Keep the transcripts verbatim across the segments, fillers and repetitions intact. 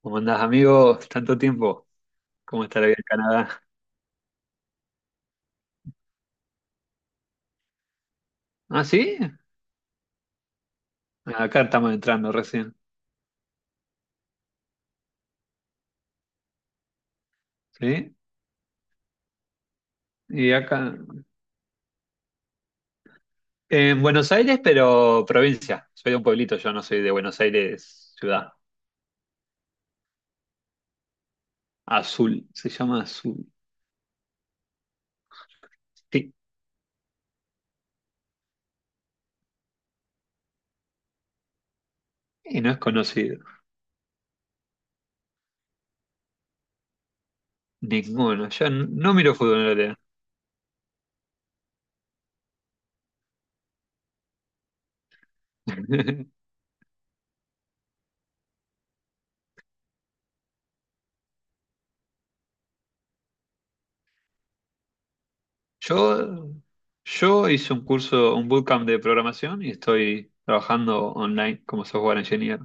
¿Cómo andás, amigo? Tanto tiempo. ¿Cómo está la vida en Canadá? ¿Ah, sí? Acá estamos entrando recién. ¿Sí? Y acá. En Buenos Aires, pero provincia. Soy de un pueblito, yo no soy de Buenos Aires, ciudad. Azul, se llama Azul. Sí, y no es conocido. Ninguno. Yo n- no miro fútbol en realidad. Yo, yo hice un curso, un bootcamp de programación y estoy trabajando online como software engineer.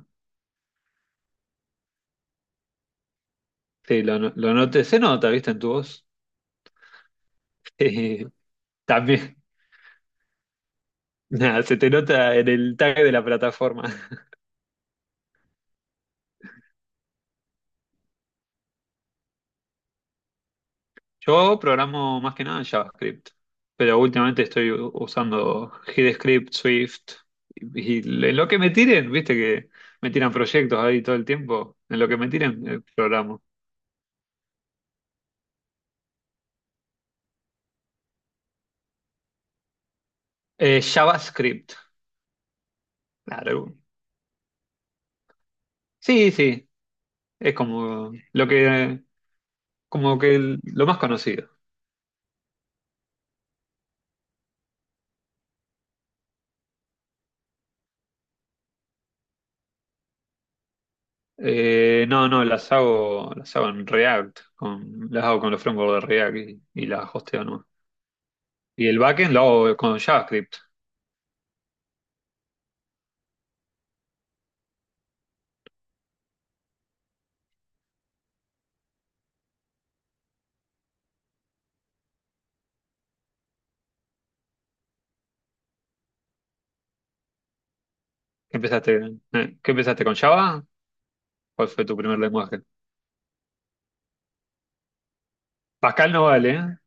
Sí, lo, no- lo noté. Se nota, ¿viste? En tu voz. También. Nada, se te nota en el tag de la plataforma. Yo programo más que nada en JavaScript, pero últimamente estoy u- usando HeadScript, Swift, y, y en lo que me tiren, viste que me tiran proyectos ahí todo el tiempo, en lo que me tiren, eh, programo. Eh, JavaScript, claro. Sí, sí, es como lo que, como que el- lo más conocido. Eh, no, no, las hago, las hago en React, con, las hago con los frameworks de React y, y las hosteo, ¿no? Y el backend lo hago con JavaScript. ¿Qué empezaste? eh, ¿Qué empezaste con Java? ¿Cuál fue tu primer lenguaje? Pascal no vale, ¿eh?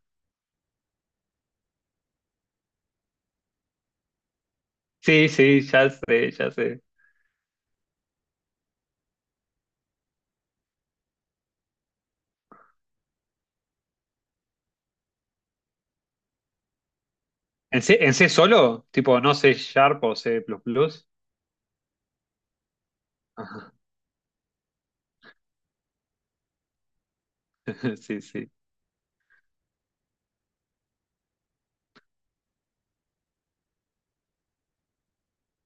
Sí, sí, ya sé, ya sé. ¿En C, en C solo? Tipo, no C Sharp o C++. Ajá. Sí, sí.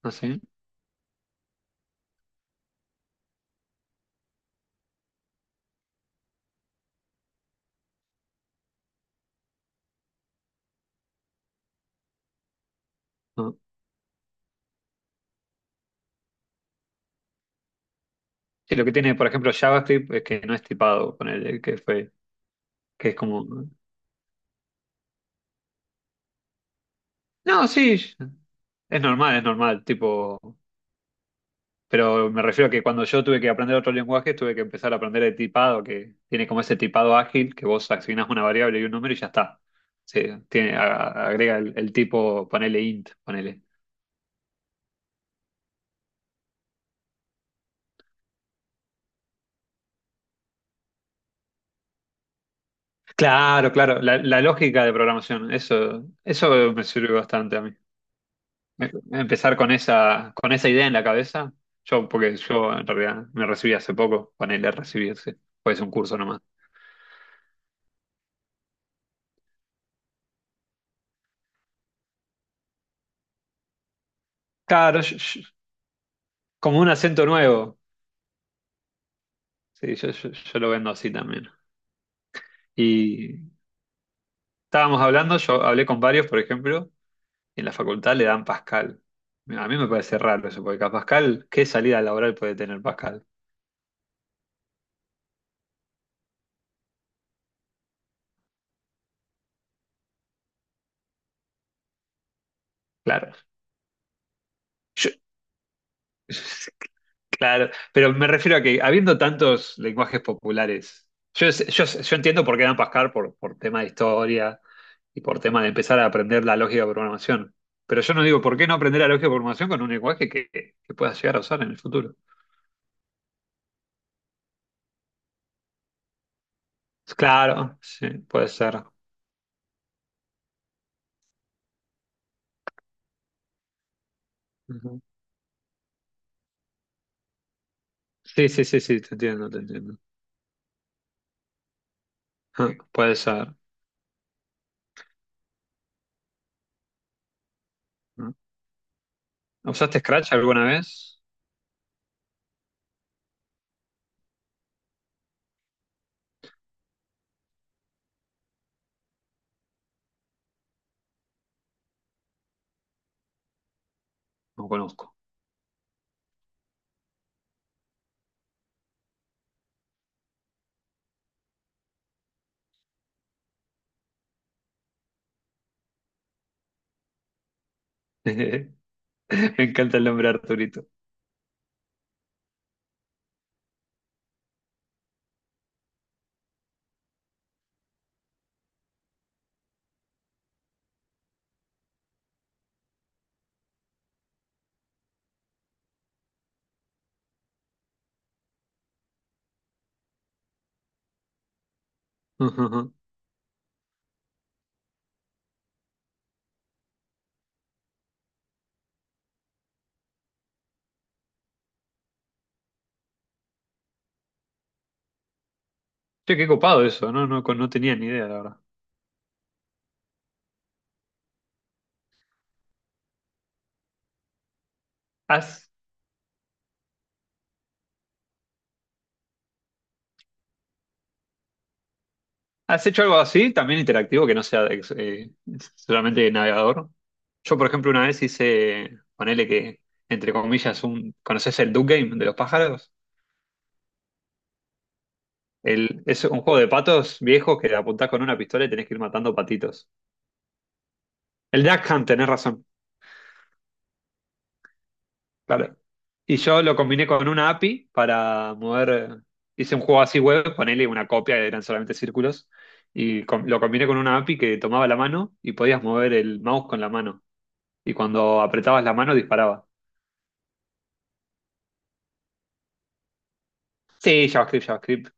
¿Ah, sí? No. Sí, lo que tiene, por ejemplo, JavaScript es que no es tipado, ponele, que fue, que es como. No, sí, es normal, es normal. Tipo. Pero me refiero a que cuando yo tuve que aprender otro lenguaje, tuve que empezar a aprender el tipado, que tiene como ese tipado ágil, que vos asignás una variable y un número y ya está. Se tiene, a- agrega el, el tipo, ponele int, ponele. Claro, claro, la, la lógica de programación, eso, eso me sirve bastante a mí. Em- Empezar con esa, con esa idea en la cabeza, yo, porque yo en realidad me recibí hace poco, ponele a recibirse, pues un curso nomás. Claro, yo- yo- como un acento nuevo, sí, yo, yo yo lo vendo así también. Y estábamos hablando, yo hablé con varios, por ejemplo, y en la facultad le dan Pascal. A mí me parece raro eso, porque a Pascal, ¿qué salida laboral puede tener Pascal? Claro. Yo. Claro, pero me refiero a que habiendo tantos lenguajes populares, yo, sé- yo, sé- yo entiendo por qué dan Pascal por, por tema de historia y por tema de empezar a aprender la lógica de programación. Pero yo no digo, ¿por qué no aprender la lógica de programación con un lenguaje que, que puedas llegar a usar en el futuro? Claro, sí, puede ser. Sí, sí, sí, sí, te entiendo, te entiendo. Ah, puede ser. ¿No? ¿Usaste Scratch alguna vez? No conozco. Me encanta el nombre Arturito. Ujú, ujú. Che, qué copado eso, no, no, no tenía ni idea, la verdad. ¿Has, has hecho algo así, también interactivo, que no sea ex- eh, solamente de navegador? Yo, por ejemplo, una vez hice, ponele que, entre comillas, un, ¿conoces el Duck Game de los pájaros? El, es un juego de patos viejos que apuntás con una pistola y tenés que ir matando patitos. El Duck Hunt, tenés razón. Claro. Y yo lo combiné con una A P I para mover, eh, hice un juego así web, ponele una copia, eran solamente círculos, y com- lo combiné con una A P I que tomaba la mano y podías mover el mouse con la mano. Y cuando apretabas la mano disparaba. Sí, JavaScript, JavaScript.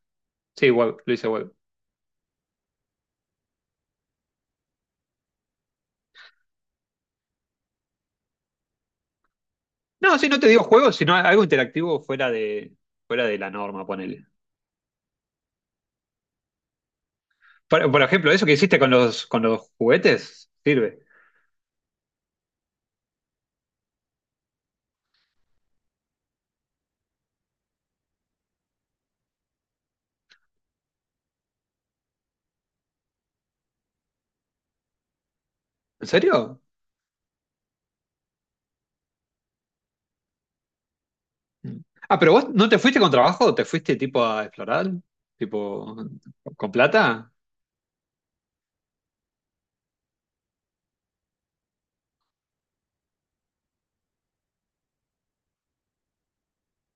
Sí, web, lo hice web. No, sí, no te digo juegos, sino algo interactivo fuera de, fuera de la norma, ponele. Por, por ejemplo, eso que hiciste con los, con los juguetes, sirve. ¿En serio? Mm. Ah, pero vos no te fuiste con trabajo, te fuiste tipo a explorar, tipo con plata.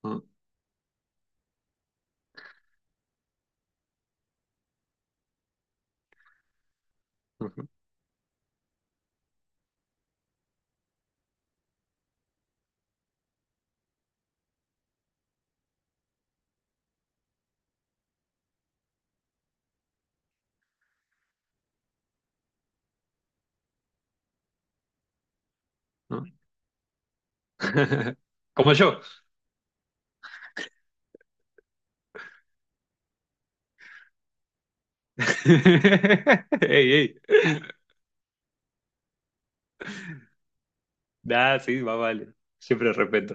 No, no, no. Como yo. Ey, ey. Nah, sí, más vale. Siempre respeto.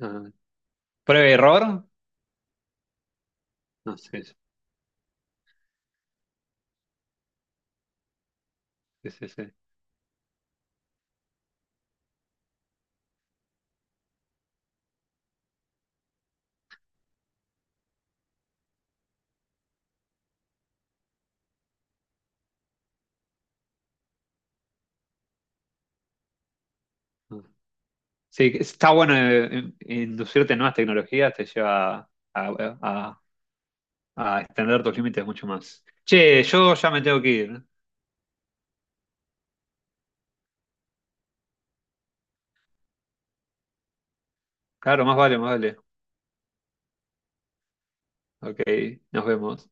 Ah, ¿prueba y error? No sé. Sí, sí, sí, sí. Ah. Sí, está bueno eh, inducirte en nuevas tecnologías, te lleva a, a- a extender tus límites mucho más. Che, yo ya me tengo que ir. Claro, más vale, más vale. Ok, nos vemos.